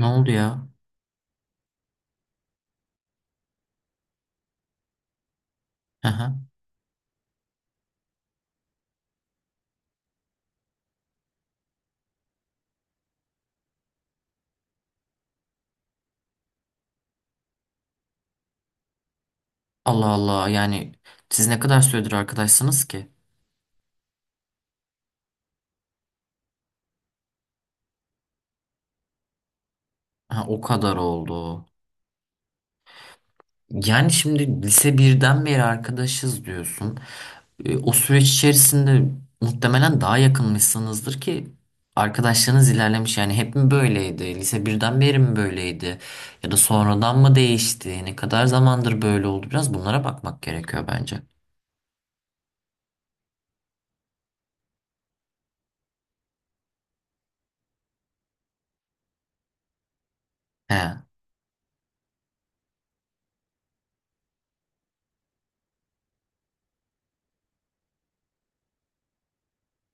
Ne oldu ya? Aha. Allah Allah yani siz ne kadar süredir arkadaşsınız ki? Ha, o kadar oldu. Yani şimdi lise birden beri arkadaşız diyorsun. O süreç içerisinde muhtemelen daha yakınmışsınızdır ki arkadaşlığınız ilerlemiş. Yani hep mi böyleydi? Lise birden beri mi böyleydi? Ya da sonradan mı değişti? Ne kadar zamandır böyle oldu? Biraz bunlara bakmak gerekiyor bence. He.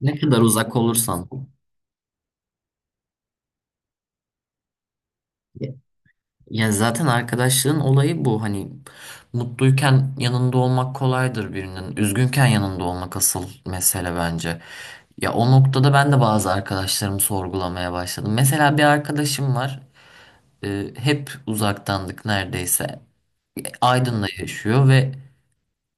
Ne kadar uzak olursan. Ya zaten arkadaşlığın olayı bu. Hani mutluyken yanında olmak kolaydır birinin. Üzgünken yanında olmak asıl mesele bence. Ya o noktada ben de bazı arkadaşlarımı sorgulamaya başladım. Mesela bir arkadaşım var. Hep uzaktandık neredeyse. Aydın'da yaşıyor ve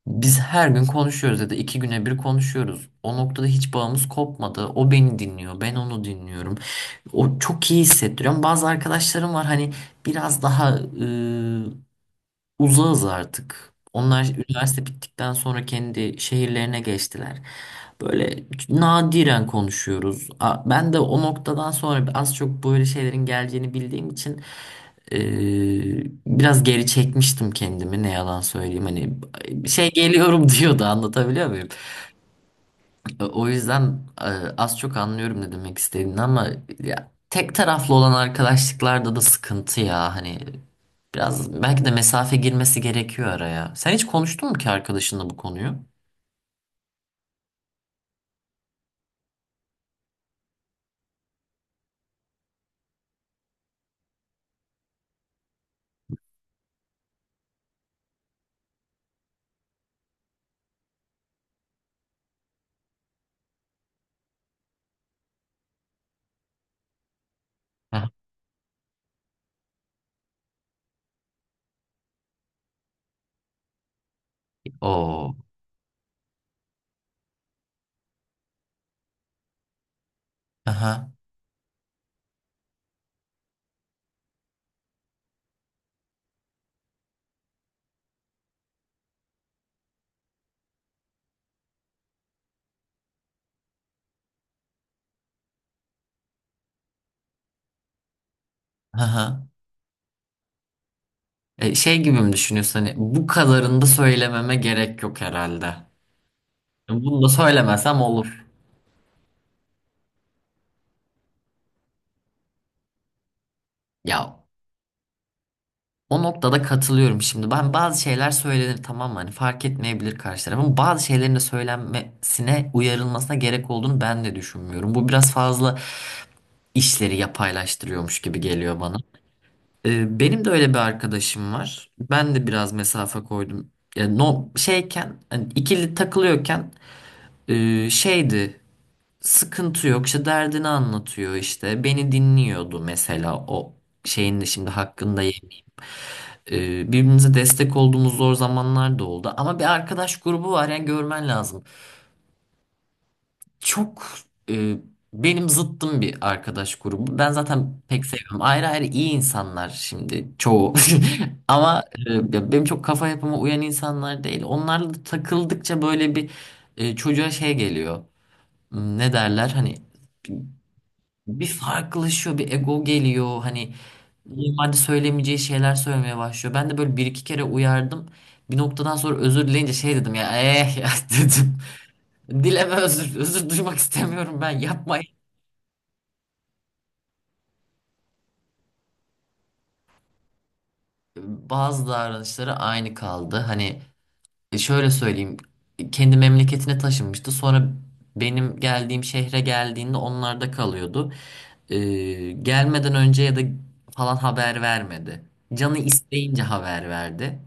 biz her gün konuşuyoruz ya da iki güne bir konuşuyoruz. O noktada hiç bağımız kopmadı. O beni dinliyor, ben onu dinliyorum. O çok iyi hissettiriyor. Ama bazı arkadaşlarım var hani biraz daha uzağız artık. Onlar üniversite bittikten sonra kendi şehirlerine geçtiler. Böyle nadiren konuşuyoruz. Ben de o noktadan sonra az çok böyle şeylerin geleceğini bildiğim için biraz geri çekmiştim kendimi ne yalan söyleyeyim. Hani bir şey geliyorum diyordu anlatabiliyor muyum? O yüzden az çok anlıyorum ne demek istediğini ama ya tek taraflı olan arkadaşlıklarda da sıkıntı ya hani biraz belki de mesafe girmesi gerekiyor araya. Sen hiç konuştun mu ki arkadaşınla bu konuyu? Aha. Oo. Aha. Aha. Şey gibi mi düşünüyorsun hani bu kadarını da söylememe gerek yok herhalde. Bunu da söylemesem olur. Ya o noktada katılıyorum şimdi. Ben bazı şeyler söylenir tamam mı? Hani fark etmeyebilir karşı tarafın. Bazı şeylerin de söylenmesine, uyarılmasına gerek olduğunu ben de düşünmüyorum. Bu biraz fazla işleri yapaylaştırıyormuş gibi geliyor bana. Benim de öyle bir arkadaşım var. Ben de biraz mesafe koydum. Yani no, şeyken, hani ikili takılıyorken şeydi. Sıkıntı yok. İşte derdini anlatıyor işte. Beni dinliyordu mesela o şeyin de şimdi hakkında birbirimize destek olduğumuz zor zamanlar da oldu. Ama bir arkadaş grubu var yani görmen lazım. Çok, e, benim zıttım bir arkadaş grubu. Ben zaten pek sevmiyorum. Ayrı ayrı iyi insanlar şimdi çoğu. Ama benim çok kafa yapıma uyan insanlar değil. Onlarla da takıldıkça böyle bir çocuğa şey geliyor. Hmm. Ne derler hani bir farklılaşıyor, bir ego geliyor. Hani normalde söylemeyeceği şeyler söylemeye başlıyor. Ben de böyle bir iki kere uyardım. Bir noktadan sonra özür dileyince şey dedim ya eh ya dedim. Dileme özür, özür duymak istemiyorum ben yapmayın. Bazı davranışları aynı kaldı. Hani şöyle söyleyeyim. Kendi memleketine taşınmıştı. Sonra benim geldiğim şehre geldiğinde onlarda kalıyordu. Gelmeden önce ya da falan haber vermedi. Canı isteyince haber verdi.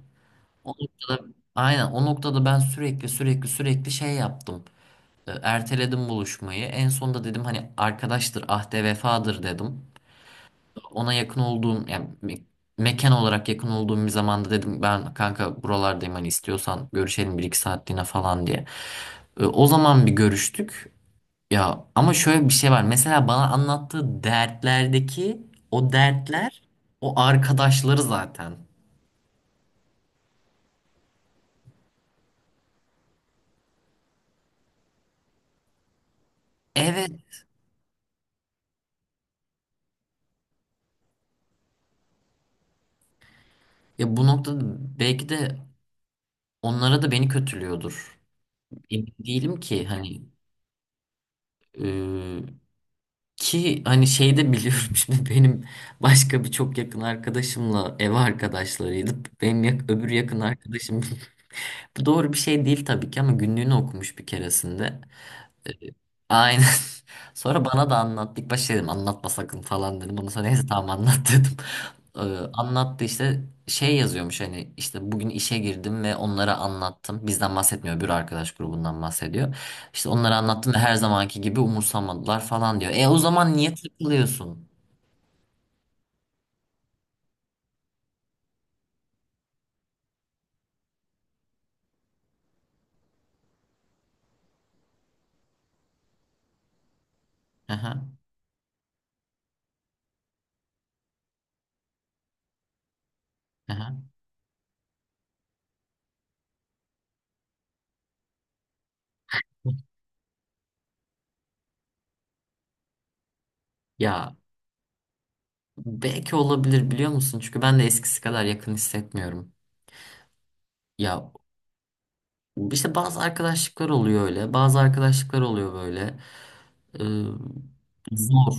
O noktada aynen o noktada ben sürekli sürekli sürekli şey yaptım. Erteledim buluşmayı. En sonunda dedim hani arkadaştır ahde vefadır dedim. Ona yakın olduğum yani mekan olarak yakın olduğum bir zamanda dedim ben kanka buralardayım hani istiyorsan görüşelim bir iki saatliğine falan diye. O zaman bir görüştük. Ya ama şöyle bir şey var. Mesela bana anlattığı dertlerdeki o dertler o arkadaşları zaten. Evet. Ya bu noktada belki de onlara da beni kötülüyordur. Emin değilim ki hani e, şey de biliyorum şimdi benim başka bir çok yakın arkadaşımla ev arkadaşlarıydı. Benim öbür yakın arkadaşım bu doğru bir şey değil tabii ki ama günlüğünü okumuş bir keresinde. Aynen. Sonra bana da anlattı. İlk başta dedim anlatma sakın falan dedim. Ondan sonra neyse tamam anlat dedim. Ee, Anlattı işte şey yazıyormuş hani işte bugün işe girdim ve onlara anlattım. Bizden bahsetmiyor bir arkadaş grubundan bahsediyor. İşte onlara anlattım ve her zamanki gibi umursamadılar falan diyor. E o zaman niye takılıyorsun? Aha, aha. Ya belki olabilir biliyor musun? Çünkü ben de eskisi kadar yakın hissetmiyorum. Ya işte bazı arkadaşlıklar oluyor öyle, bazı arkadaşlıklar oluyor böyle. Ee, Zor.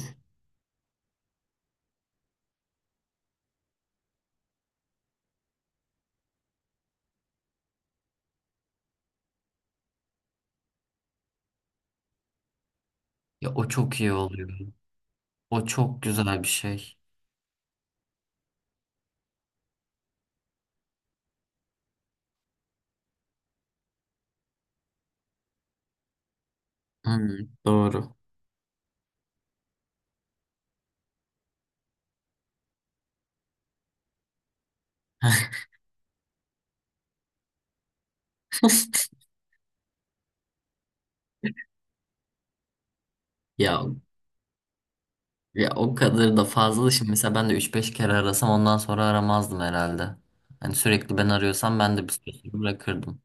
Ya o çok iyi oluyor. O çok güzel bir şey. Hmm, doğru. Ya ya o kadar da fazla. Şimdi mesela ben de üç beş kere arasam ondan sonra aramazdım herhalde. Hani sürekli ben arıyorsam ben de bir süre sonra bırakırdım.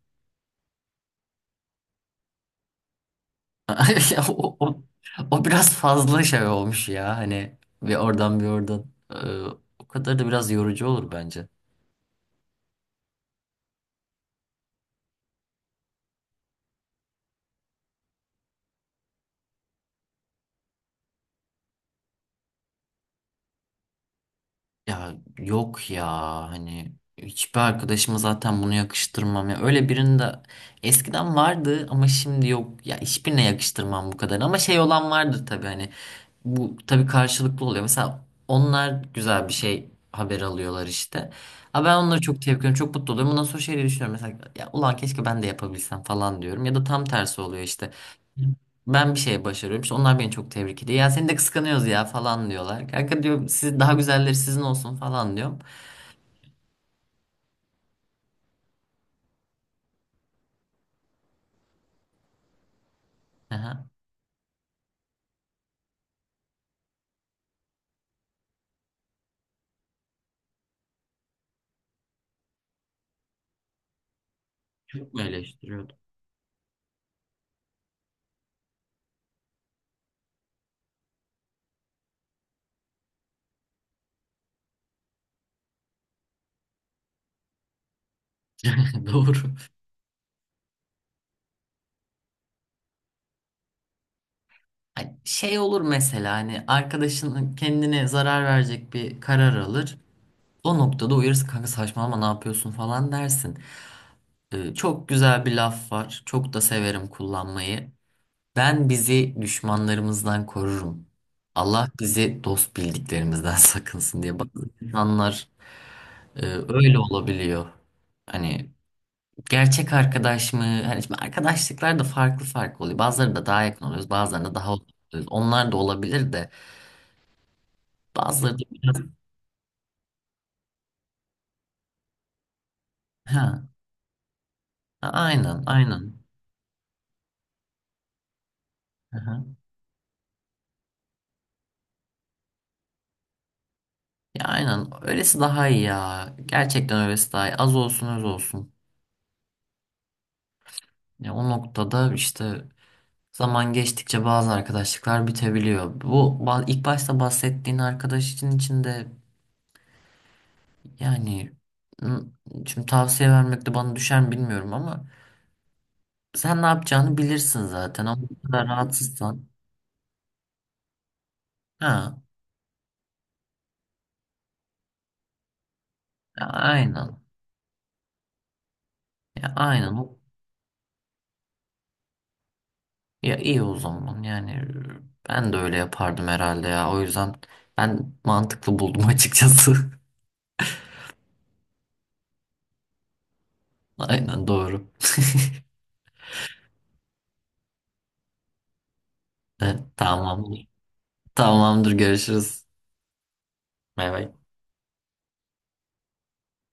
Ya o biraz fazla şey olmuş ya. Hani bir oradan bir oradan. Ee, O kadar da biraz yorucu olur bence. Ya yok ya hani hiçbir arkadaşıma zaten bunu yakıştırmam ya. Öyle birinin de eskiden vardı ama şimdi yok. Ya hiçbirine yakıştırmam bu kadar. Ama şey olan vardır tabii hani bu tabii karşılıklı oluyor. Mesela onlar güzel bir şey haber alıyorlar işte. Ama ben onları çok tebrik ediyorum. Çok mutlu oluyorum. Ondan sonra şeyleri düşünüyorum. Mesela ya ulan keşke ben de yapabilsem falan diyorum. Ya da tam tersi oluyor işte. Ben bir şey başarıyorum. İşte onlar beni çok tebrik ediyor. Ya seni de kıskanıyoruz ya falan diyorlar. Kanka diyorum siz daha güzelleri sizin olsun falan diyorum. Aha. Çok mu eleştiriyordum? Doğru. Hani şey olur mesela hani arkadaşın kendine zarar verecek bir karar alır. O noktada uyarırsın kanka saçmalama ne yapıyorsun falan dersin. Çok güzel bir laf var. Çok da severim kullanmayı. Ben bizi düşmanlarımızdan korurum. Allah bizi dost bildiklerimizden sakınsın diye. Bak, insanlar öyle olabiliyor. Hani gerçek arkadaş mı? Hani şimdi arkadaşlıklar da farklı farklı oluyor. Bazıları da daha yakın oluyoruz, bazıları da daha uzak oluyoruz. Onlar da olabilir de bazıları da biraz ha aynen aynen. Hı hı. Ya aynen öylesi daha iyi ya. Gerçekten öylesi daha iyi. Az olsun öz olsun. Ya o noktada işte zaman geçtikçe bazı arkadaşlıklar bitebiliyor. Bu ilk başta bahsettiğin arkadaş için içinde. Yani m- şimdi tavsiye vermek de bana düşer mi bilmiyorum ama sen ne yapacağını bilirsin zaten. Ama bu kadar rahatsızsan. Ha, ya aynen. Ya aynen. Ya iyi o zaman. Yani ben de öyle yapardım herhalde ya. O yüzden ben mantıklı buldum açıkçası. Aynen doğru. Tamamdır. Tamamdır görüşürüz. Bay bay.